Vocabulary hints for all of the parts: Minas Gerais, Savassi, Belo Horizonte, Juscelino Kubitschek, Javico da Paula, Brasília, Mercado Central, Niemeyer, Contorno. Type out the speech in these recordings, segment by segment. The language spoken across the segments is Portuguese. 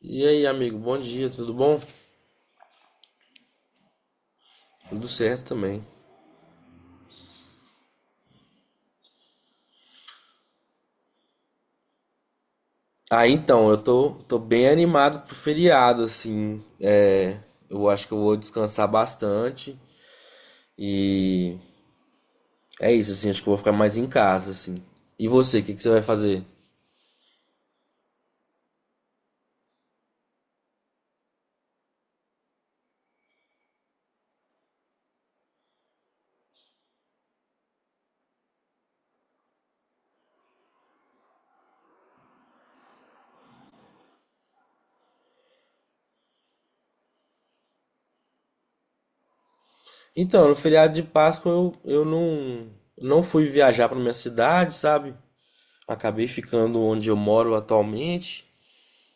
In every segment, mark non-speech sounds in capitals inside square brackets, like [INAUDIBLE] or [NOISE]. E aí, amigo, bom dia, tudo bom? Tudo certo também. Ah, então, eu tô bem animado pro feriado, assim. É, eu acho que eu vou descansar bastante. E é isso, assim, acho que eu vou ficar mais em casa, assim. E você, o que que você vai fazer? Então, no feriado de Páscoa eu não fui viajar pra minha cidade, sabe? Acabei ficando onde eu moro atualmente,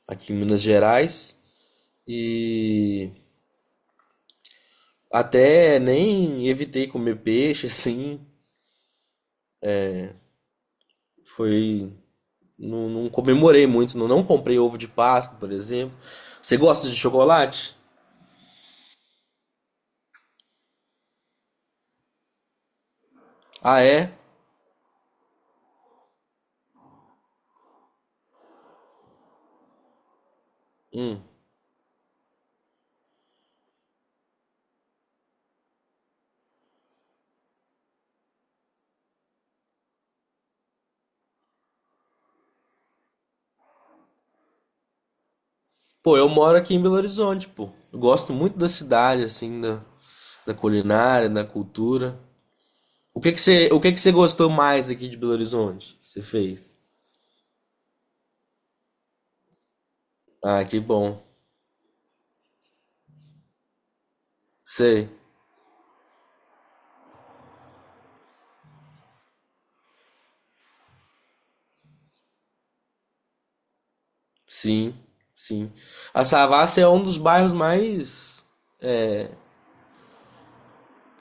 aqui em Minas Gerais. E até nem evitei comer peixe, [LAUGHS] assim. Foi. Não, não comemorei muito, não, não comprei ovo de Páscoa, por exemplo. Você gosta de chocolate? Ah, é? Hum. Pô, eu moro aqui em Belo Horizonte, pô. Eu gosto muito da cidade, assim, da, da culinária, da cultura. O que que você, o que que você gostou mais aqui de Belo Horizonte? Que você fez? Ah, que bom. Sei. Sim, sim. A Savassi é um dos bairros mais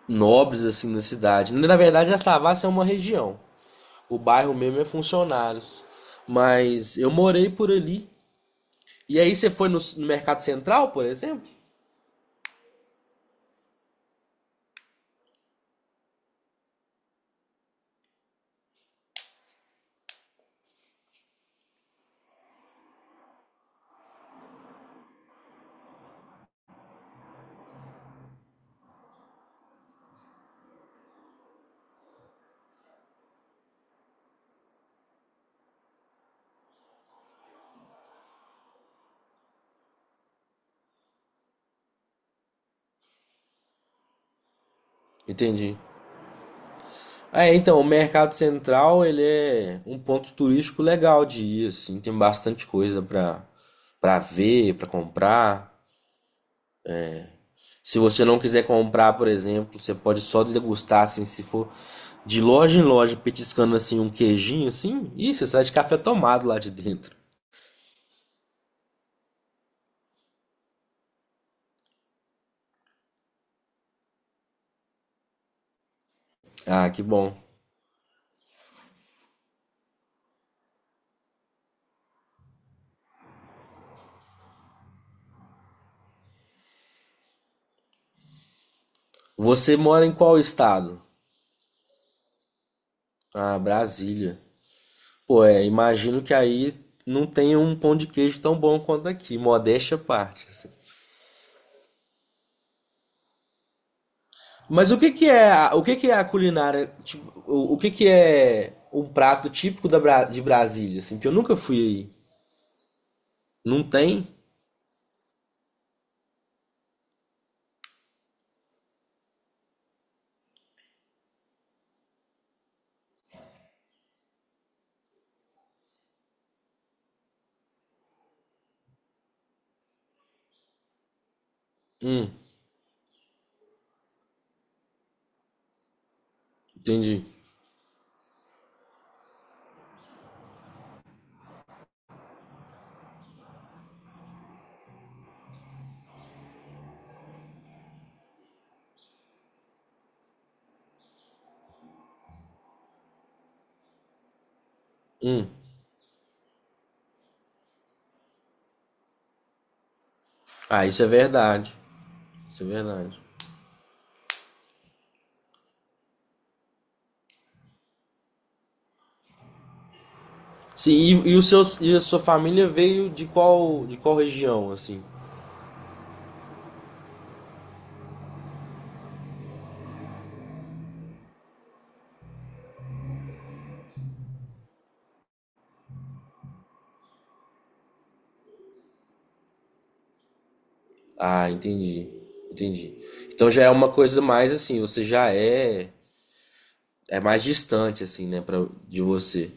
nobres, assim, da cidade. Na verdade, a Savassi é uma região. O bairro mesmo é funcionários. Mas eu morei por ali. E aí você foi no, no Mercado Central, por exemplo? Entendi. É, então, o Mercado Central, ele é um ponto turístico legal de ir, assim, tem bastante coisa pra ver, pra comprar. Se você não quiser comprar, por exemplo, você pode só degustar, assim, se for de loja em loja, petiscando, assim, um queijinho, assim. Ih, você sai de café tomado lá de dentro. Ah, que bom. Você mora em qual estado? Ah, Brasília. Pô, é, imagino que aí não tenha um pão de queijo tão bom quanto aqui, modéstia à parte, assim. Mas o que que é, a- o que que é a culinária, tipo, o que que é um prato típico da, Bra- de Brasília, assim, que eu nunca fui aí. Não tem? Hum, entendi. Hum. Ah, isso é verdade. Isso é verdade. Sim, e o seu, e a sua família veio de qual região, assim? Ah, entendi. Entendi. Então já é uma coisa mais assim, você já é mais distante, assim, né, pra, de você.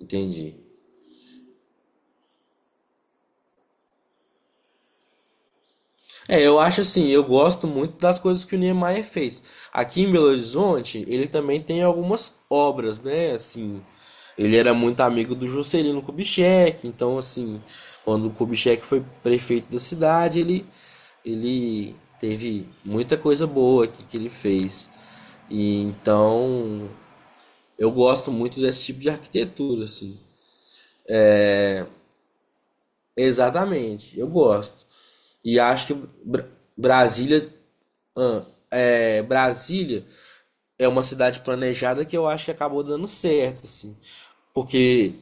Entendi. É, eu acho assim, eu gosto muito das coisas que o Niemeyer fez. Aqui em Belo Horizonte, ele também tem algumas obras, né? Assim, ele era muito amigo do Juscelino Kubitschek, então assim, quando o Kubitschek foi prefeito da cidade, ele teve muita coisa boa aqui que ele fez. E então, eu gosto muito desse tipo de arquitetura, assim. Exatamente, eu gosto. E acho que Bra- Brasília, ah, é, Brasília é uma cidade planejada que eu acho que acabou dando certo, assim. Porque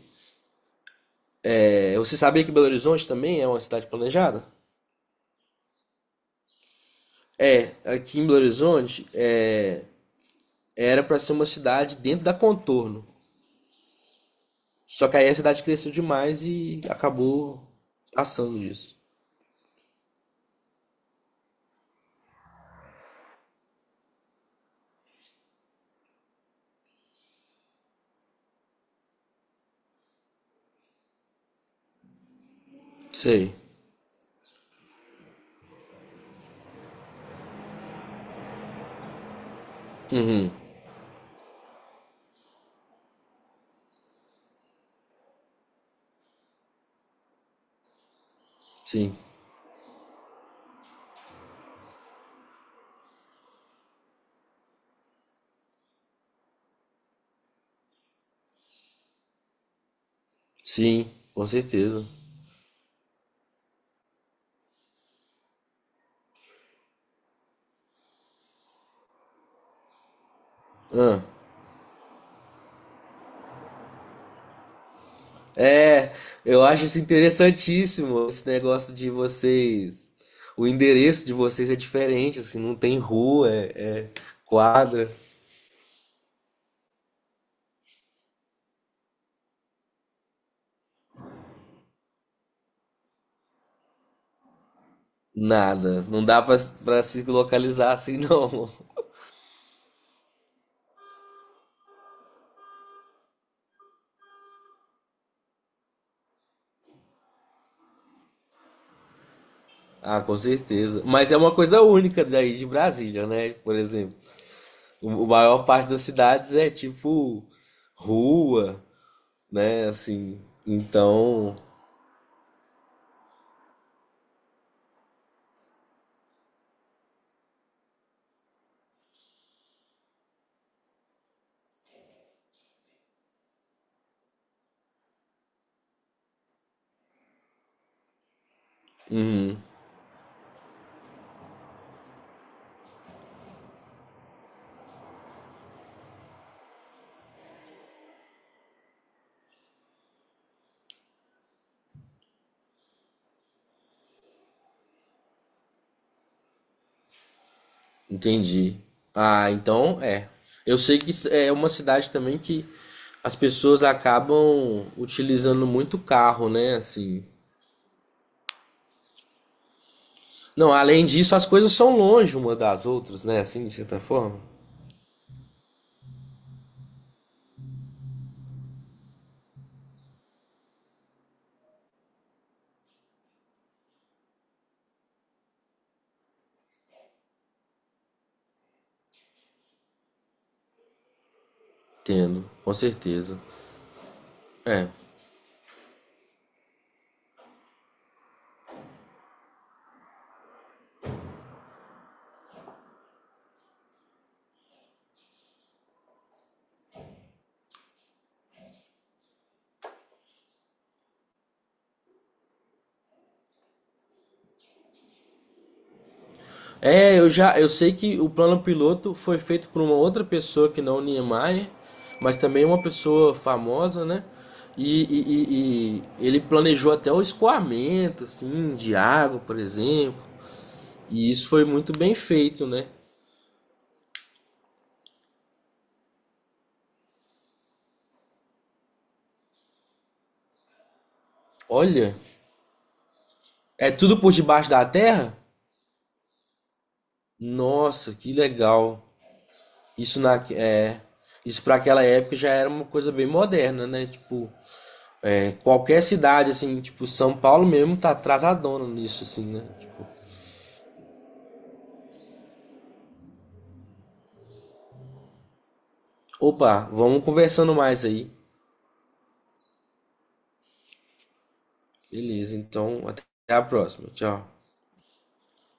é, você sabia que Belo Horizonte também é uma cidade planejada? É, aqui em Belo Horizonte é, era para ser uma cidade dentro da Contorno. Só que aí a cidade cresceu demais e acabou passando disso. Sei, sim, sim, com certeza. Ah. É, eu acho isso interessantíssimo, esse negócio de vocês. O endereço de vocês é diferente, assim, não tem rua, é quadra, nada. Não dá pra, pra se localizar assim, não. [LAUGHS] Ah, com certeza. Mas é uma coisa única daí de Brasília, né? Por exemplo, o, a maior parte das cidades é tipo rua, né? Assim, então. Entendi. Ah, então é. Eu sei que isso é uma cidade também que as pessoas acabam utilizando muito carro, né? Assim. Não, além disso, as coisas são longe uma das outras, né? Assim, de certa forma. Entendo, com certeza. É. É, eu já, eu sei que o plano piloto foi feito por uma outra pessoa que não o Niemeyer, mas também uma pessoa famosa, né? E, e ele planejou até o escoamento, assim, de água, por exemplo. E isso foi muito bem feito, né? Olha, é tudo por debaixo da terra? Nossa, que legal. Isso na é, isso para aquela época já era uma coisa bem moderna, né? Tipo, é, qualquer cidade assim, tipo São Paulo mesmo tá atrasadona nisso assim, né? Tipo, opa, vamos conversando mais aí. Beleza, então até a próxima. Tchau.